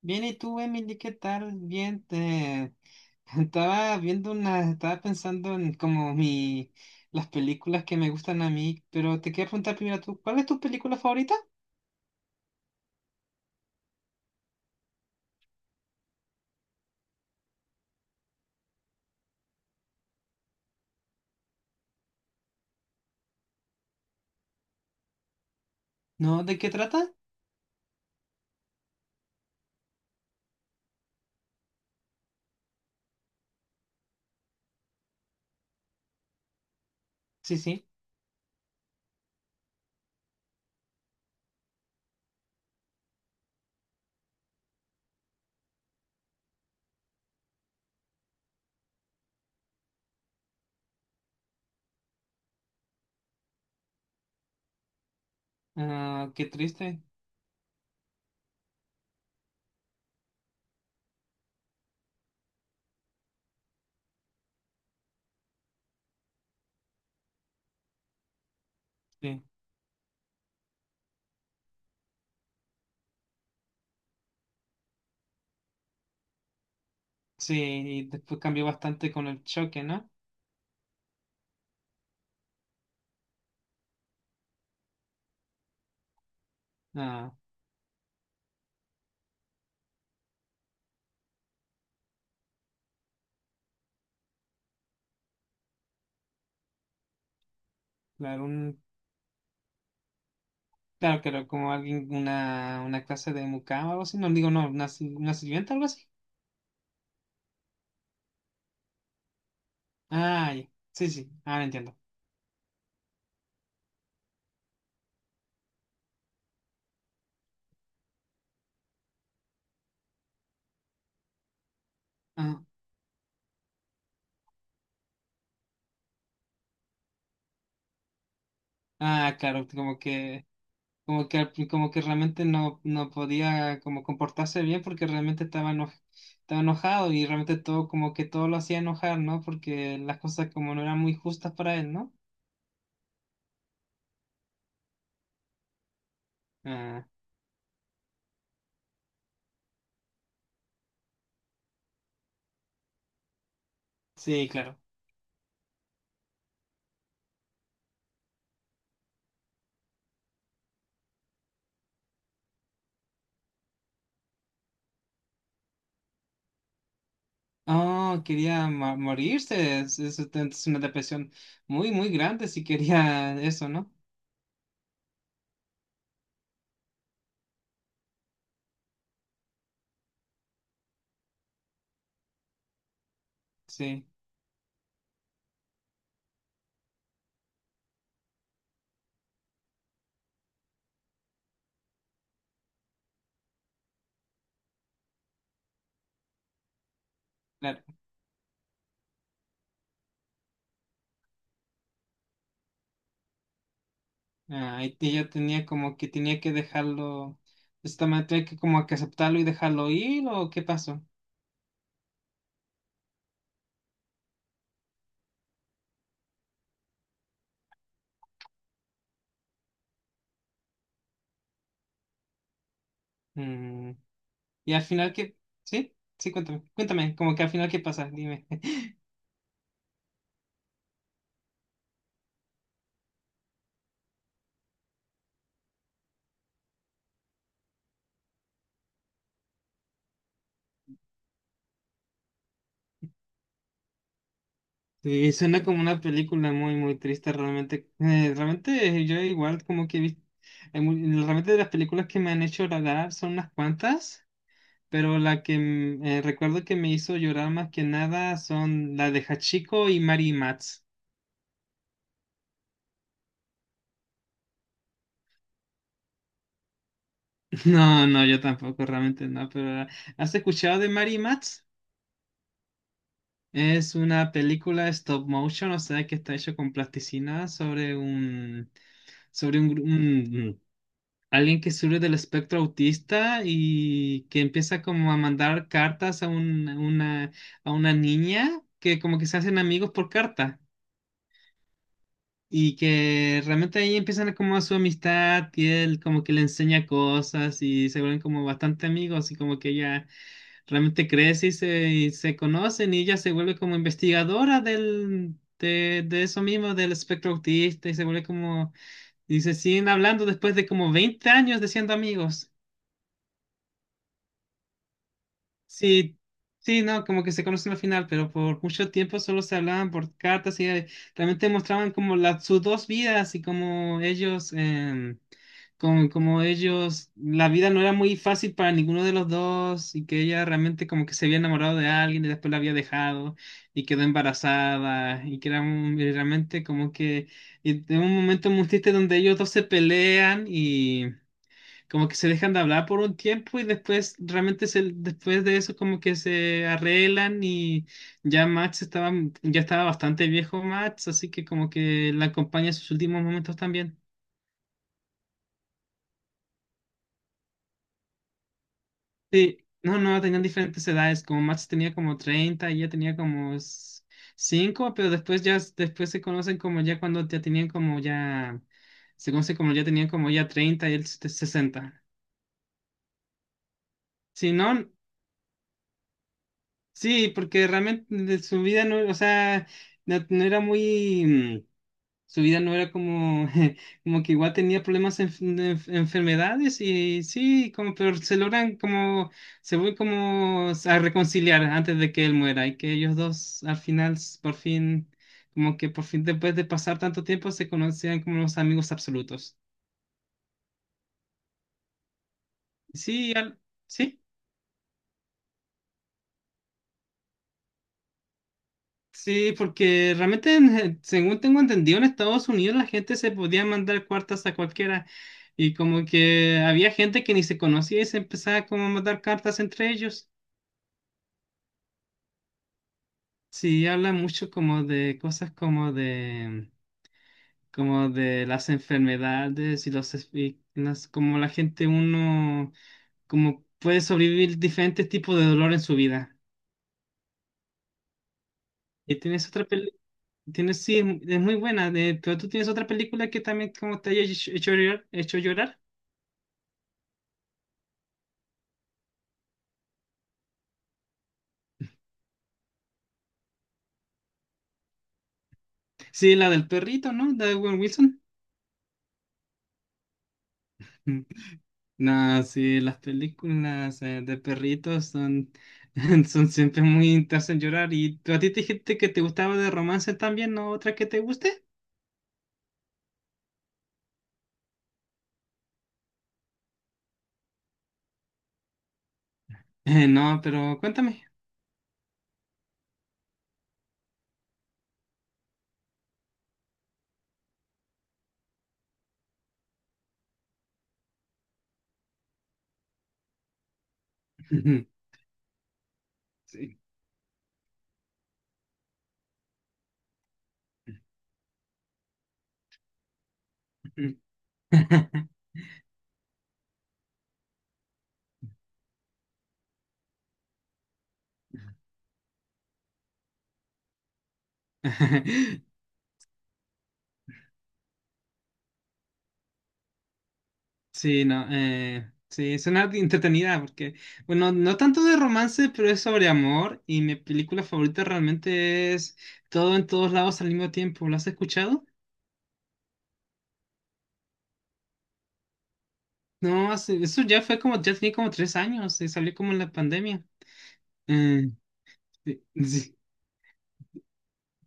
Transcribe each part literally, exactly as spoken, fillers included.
Bien, ¿y tú, Emily, qué tal? Bien, te... estaba viendo una, estaba pensando en como mi, las películas que me gustan a mí, pero te quería preguntar primero tú, ¿cuál es tu película favorita? ¿No? ¿De qué trata? Sí, sí. Ah, qué triste. Sí. Sí, y después cambió bastante con el choque, ¿no? Ah, claro, un, claro, claro, como alguien, una, una clase de mucama o algo así, no digo, no, una, si- una sirvienta o algo así. Ah, ya. Sí, sí, ahora entiendo. Ah, ah, claro, como que Como que, al pri- como que realmente no, no podía como comportarse bien porque realmente estaba, eno- estaba enojado y realmente todo como que todo lo hacía enojar, ¿no? Porque las cosas como no eran muy justas para él, ¿no? Ah, sí, claro. Oh, quería mo- morirse. Es, es- es una depresión muy, muy grande si quería eso, ¿no? Sí, claro. Ah, y ella tenía como que tenía que dejarlo, esta manera tenía que como que aceptarlo y dejarlo ir, ¿o qué pasó? Y al final, ¿qué? ¿Sí? Sí, cuéntame. Cuéntame, como que al final, ¿qué pasa? Dime. Sí, suena como una película muy, muy triste realmente. Eh, realmente eh, yo igual como que. vi... hay mu- Realmente de las películas que me han hecho llorar son unas cuantas, pero la que mm, eh, recuerdo que me hizo llorar más que nada son la de Hachiko y Mary Matz. No, no, yo tampoco, realmente no, pero ¿has escuchado de Mary Matz? Es una película stop motion, o sea que está hecho con plasticina sobre un, sobre un, gru- un- alguien que sufre del espectro autista y que empieza como a mandar cartas a un- a una, a una niña que como que se hacen amigos por carta y que realmente ahí empiezan como a su amistad y él como que le enseña cosas y se vuelven como bastante amigos y como que ella realmente crece y se, y se conocen y ella se vuelve como investigadora del, de, de eso mismo, del espectro autista y se vuelve como, y se siguen hablando después de como veinte años de siendo amigos. Sí, sí, no, como que se conocen al final, pero por mucho tiempo solo se hablaban por cartas y eh, realmente mostraban como la, sus dos vidas y como ellos, em, como, como ellos, la vida no era muy fácil para ninguno de los dos y que ella realmente como que se había enamorado de alguien y después la había dejado y quedó embarazada y que era un- y realmente como que y en un momento muy triste donde ellos dos se pelean y como que se dejan de hablar por un tiempo y después realmente se, después de eso como que se arreglan y ya Max estaba, ya estaba bastante viejo Max, así que como que la acompaña en sus últimos momentos también. Sí, no, no, tenían diferentes edades, como Max tenía como treinta, ella tenía como s- cinco, pero después ya, s- después se conocen como ya cuando ya tenían como ya, se conocen como ya tenían como ya treinta y él se- sesenta. Sí, no, sí, porque realmente de su vida no, o sea, no, no era muy. Su vida no era como, como que igual tenía problemas en, de enf- enfermedades y sí, como, pero se logran como, se vuelven como a reconciliar antes de que él muera y que ellos dos al final, s- por fin, como que por fin después de pasar tanto tiempo se conocían como los amigos absolutos. Sí, al- sí. Sí, porque realmente, en- según tengo entendido, en Estados Unidos la gente se podía mandar cartas a cualquiera. Y como que había gente que ni se conocía y se empezaba como a mandar cartas entre ellos. Sí, habla mucho como de cosas como de, como de las enfermedades y los, es- y las, como la gente uno, como puede sobrevivir diferentes tipos de dolor en su vida. ¿Y tienes otra película? Tienes, sí, es, mu- es muy buena, de- pero tú tienes otra película que también como te haya hecho, hecho llorar, hecho llorar. Sí, la del perrito, ¿no? De Owen Wilson. Mm. No, sí, las películas eh, de perritos son, son siempre muy te hacen llorar. ¿Y tú a ti te dijiste que te gustaba de romance también, no otra que te guste? Eh, no, pero cuéntame. Sí. Sí, no, eh, sí, suena entretenida porque, bueno, no tanto de romance, pero es sobre amor y mi película favorita realmente es Todo en todos lados al mismo tiempo. ¿Lo has escuchado? No, hace- eso ya fue como, ya tenía como tres años y salió como en la pandemia. Eh, sí, sí.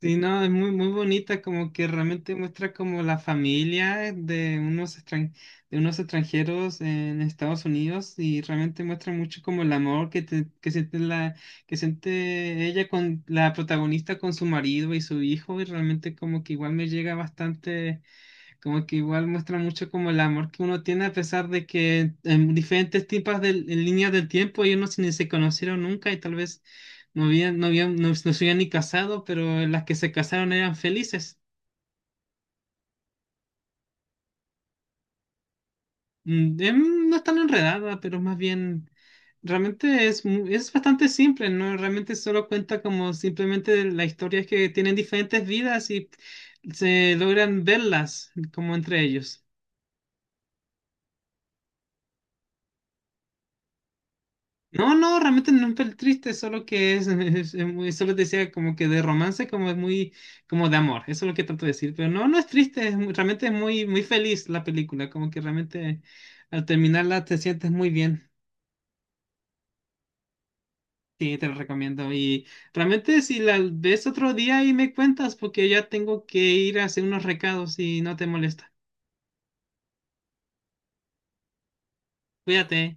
Sí, no, es muy, muy bonita, como que realmente muestra como la familia de unos, extran- de unos extranjeros en Estados Unidos y realmente muestra mucho como el amor que, te- que siente la, que siente ella con la protagonista con su marido y su hijo y realmente como que igual me llega bastante como que igual muestra mucho como el amor que uno tiene a pesar de que en diferentes tipos de en líneas del tiempo ellos no se- ni se conocieron nunca y tal vez no habían, no habían, no, no se habían ni casado, pero las que se casaron eran felices. Mm, em, No es tan enredada, pero más bien realmente es, mu- es bastante simple, ¿no? Realmente solo cuenta como simplemente la historia es que tienen diferentes vidas y se logran verlas como entre ellos. No, no, realmente no es triste, solo que es, es- es muy, solo te decía como que de romance, como es muy, como de amor, eso es lo que trato de decir, pero no, no es triste, es muy- realmente es muy, muy feliz la película, como que realmente al terminarla te sientes muy bien, sí, te lo recomiendo, y realmente si la ves otro día y me cuentas, porque ya tengo que ir a hacer unos recados y no te molesta, cuídate.